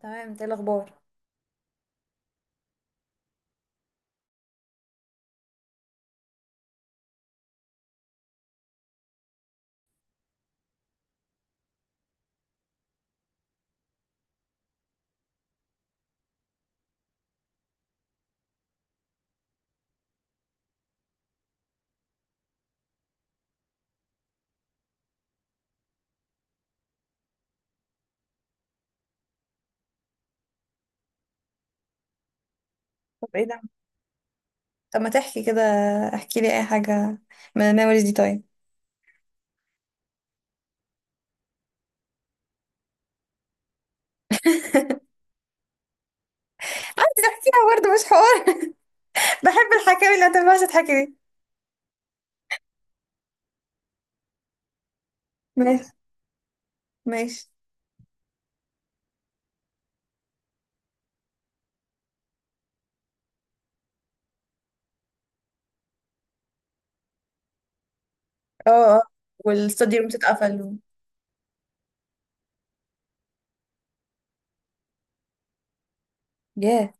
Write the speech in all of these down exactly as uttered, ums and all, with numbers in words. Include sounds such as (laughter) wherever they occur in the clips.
تمام. انت ايه الاخبار؟ طب ايه ده؟ طب ما تحكي كده، احكي لي اي حاجه من الميموريز دي، طيب. (laughs) عايز احكيها برضه، مش حوار. (laughs) بحب الحكاوي اللي ما تنفعش تحكي دي. ماشي. ماشي. اه. اه. والاستوديو روم اتقفل و- ياه.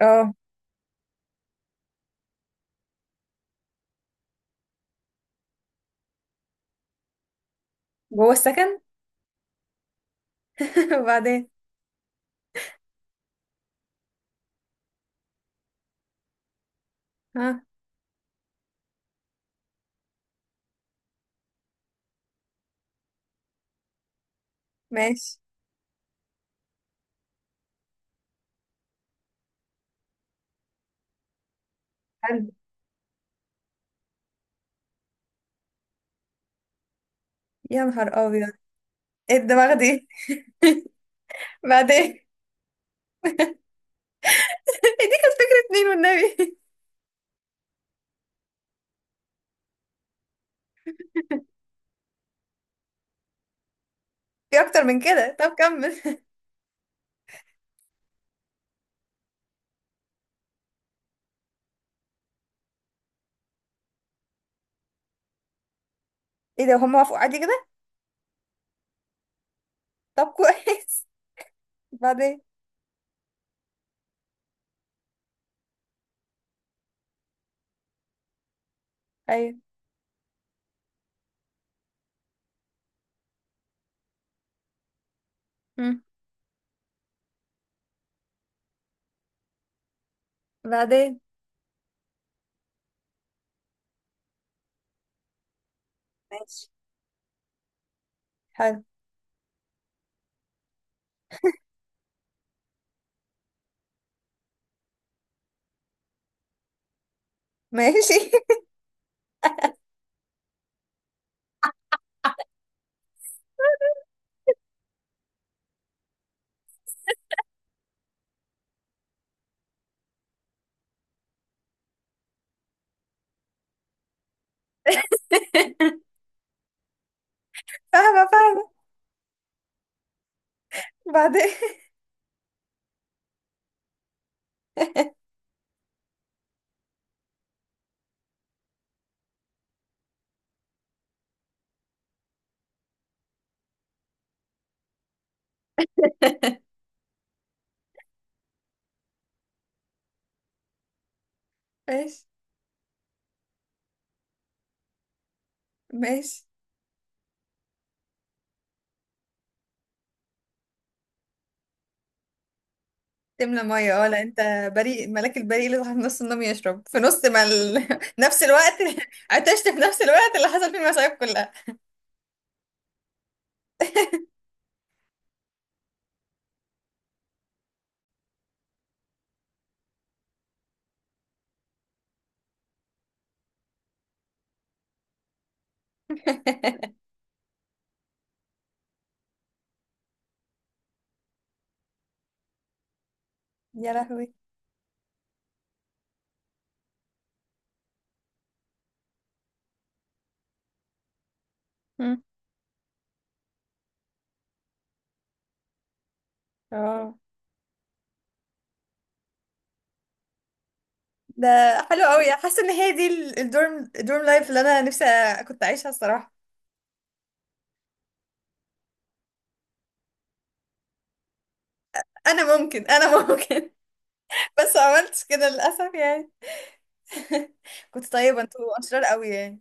اه، جوه السكن. (laughs) وبعدين؟ ها. ماشي. حلو. يا نهار ابيض! ايه الدماغ دي؟ (laughs) بعدين؟ (laughs) إيه دي، كانت فكره مين والنبي؟ (laughs) في اكتر من كده؟ طب كمل. (laughs) ايه ده، هم وافقوا عادي كده؟ طب كويس. (laughs) بعدين؟ ايوه. مم. بعدين؟ ماشي. حلو. ماشي. (laughs) فاهمة فاهمة. بعدين؟ ماشي. ماشي. تملى مية اه؟ لا انت بريء، الملاك البريء اللي صاحب نص النوم يشرب في نص ما ال... (laughs) نفس الوقت. (laughs) عطشت في نفس الوقت اللي حصل فيه المصايب كلها. (laughs) يا لهوي. مم. اه. ده حلو قوي، حاسه ان هي دي ال- الدورم، الدورم لايف اللي انا نفسي أ- كنت اعيشها الصراحه. انا ممكن انا ممكن (laughs) بس ما عملتش كده للاسف يعني. (laughs) كنت طيبه، انتوا اشرار قوي يعني.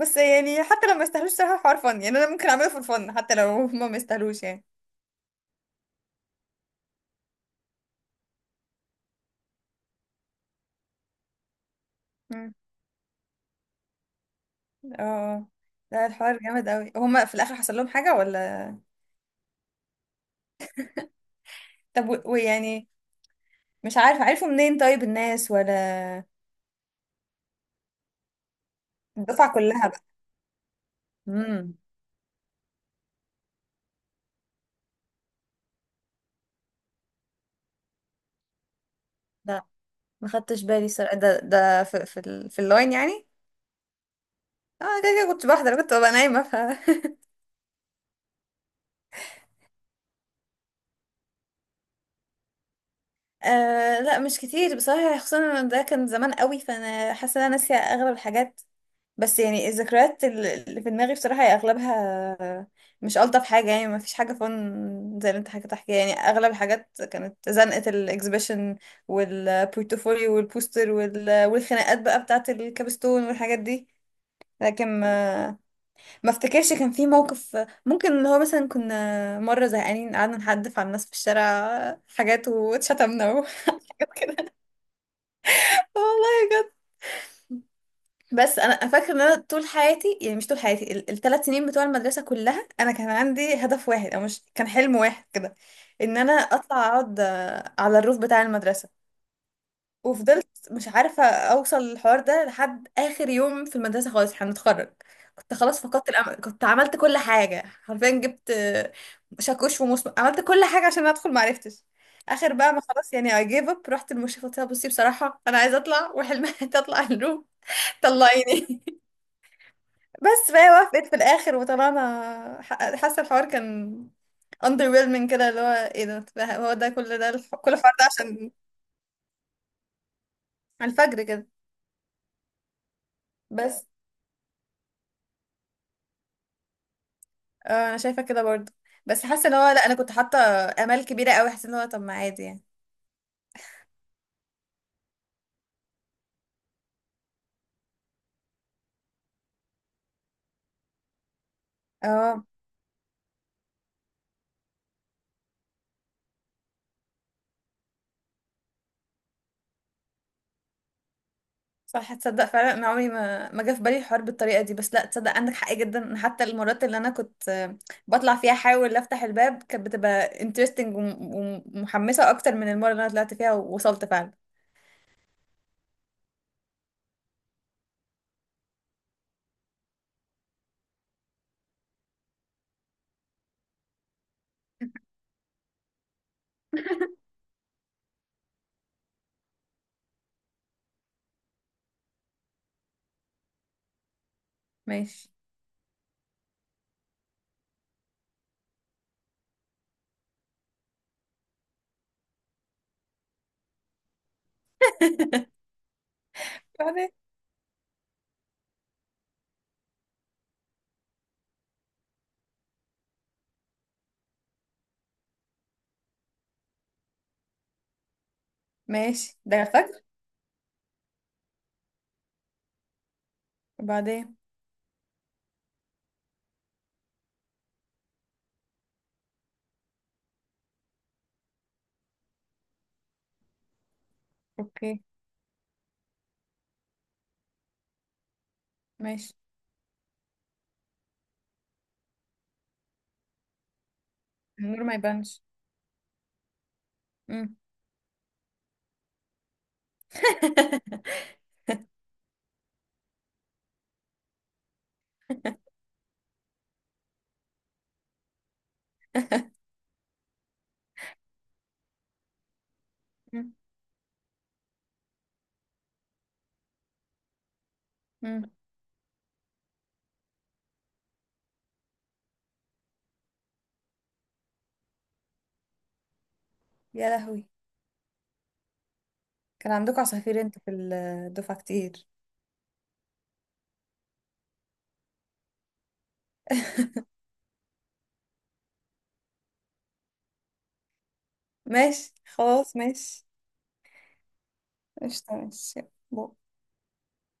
بس يعني حتى لو ما يستاهلوش صراحة حوار فن، يعني انا ممكن اعمله في الفن حتى لو هما ما يستاهلوش يعني. مم. اه. ده الحوار جامد قوي. هما في الاخر حصل لهم حاجة ولا؟ طب و- ويعني مش عارفة، عرفوا منين طيب الناس ولا؟ الدفعة كلها بقى؟ امم. لا، ما خدتش بالي الصراحة. ده ده في في, ال... في اللاين يعني. اه، كده كده، كنت بحضر، كنت ببقى نايمة ف (laughs) آه لا، مش كتير بصراحة. خصوصا إن ده كان زمان قوي، فانا حاسة ان انا ناسية اغلب الحاجات. بس يعني الذكريات ال- اللي في دماغي بصراحة هي أغلبها مش ألطف حاجة. يعني ما فيش حاجة فن زي اللي انت حكيت تحكي. يعني أغلب الحاجات كانت زنقة الإكسبيشن والبورتفوليو والبوستر وال- والخناقات بقى بتاعة الكابستون والحاجات دي. لكن ما ما افتكرش كان في موقف ممكن، اللي هو مثلا كنا مرة زهقانين قعدنا نحدف على الناس في الشارع حاجات واتشتمنا وحاجات كده. (laughs) والله. بس انا فاكره ان انا طول حياتي، يعني مش طول حياتي، التلات سنين بتوع المدرسه كلها، انا كان عندي هدف واحد، او مش كان، حلم واحد كده، ان انا اطلع اقعد آه، على الروف بتاع المدرسه. وفضلت مش عارفه اوصل للحوار ده لحد اخر يوم في المدرسه خالص، احنا هنتخرج. كنت خلاص فقدت الامل، كنت عملت كل حاجه حرفيا، جبت آه، شاكوش ومسمار، عملت كل حاجه عشان ادخل ما عرفتش. اخر بقى ما خلاص يعني I gave up. رحت للمشرفه قلت لها بصي بصراحه انا عايزه اطلع وحلمي (laughs) تطلع الروف. طلعيني. بس فهي وافقت في الاخر وطلعنا ح- حاسه الحوار كان underwhelming كده، اللي هو ايه ده، ده- هو ده كل ده الح... كل الحوار ده عشان. على الفجر كده. بس آه انا شايفه كده برضو. بس حاسه ان هو لا، انا كنت حاطه امال كبيره قوي، حاسه ان هو طب ما عادي يعني. اه. صح، تصدق فعلا انا عمري ما ما جه في بالي الحوار بالطريقه دي. بس لا تصدق، عندك حق جدا، إن حتى المرات اللي انا كنت آه، بطلع فيها احاول افتح الباب كانت بتبقى interesting وم- ومحمسه اكتر من المره اللي انا طلعت فيها ووصلت فعلا. ماشي. (laughs) بعدين؟ ماشي. ده فجر؟ وبعدين؟ اوكي. ماشي. النور ما يبانش. مم. (laughs) مم. مم. يا لهوي. كان عندكم عصافير انتوا في الدفعة كتير؟ (laughs) ماشي. خلاص. ماشي. قشطة. ماشي. بو.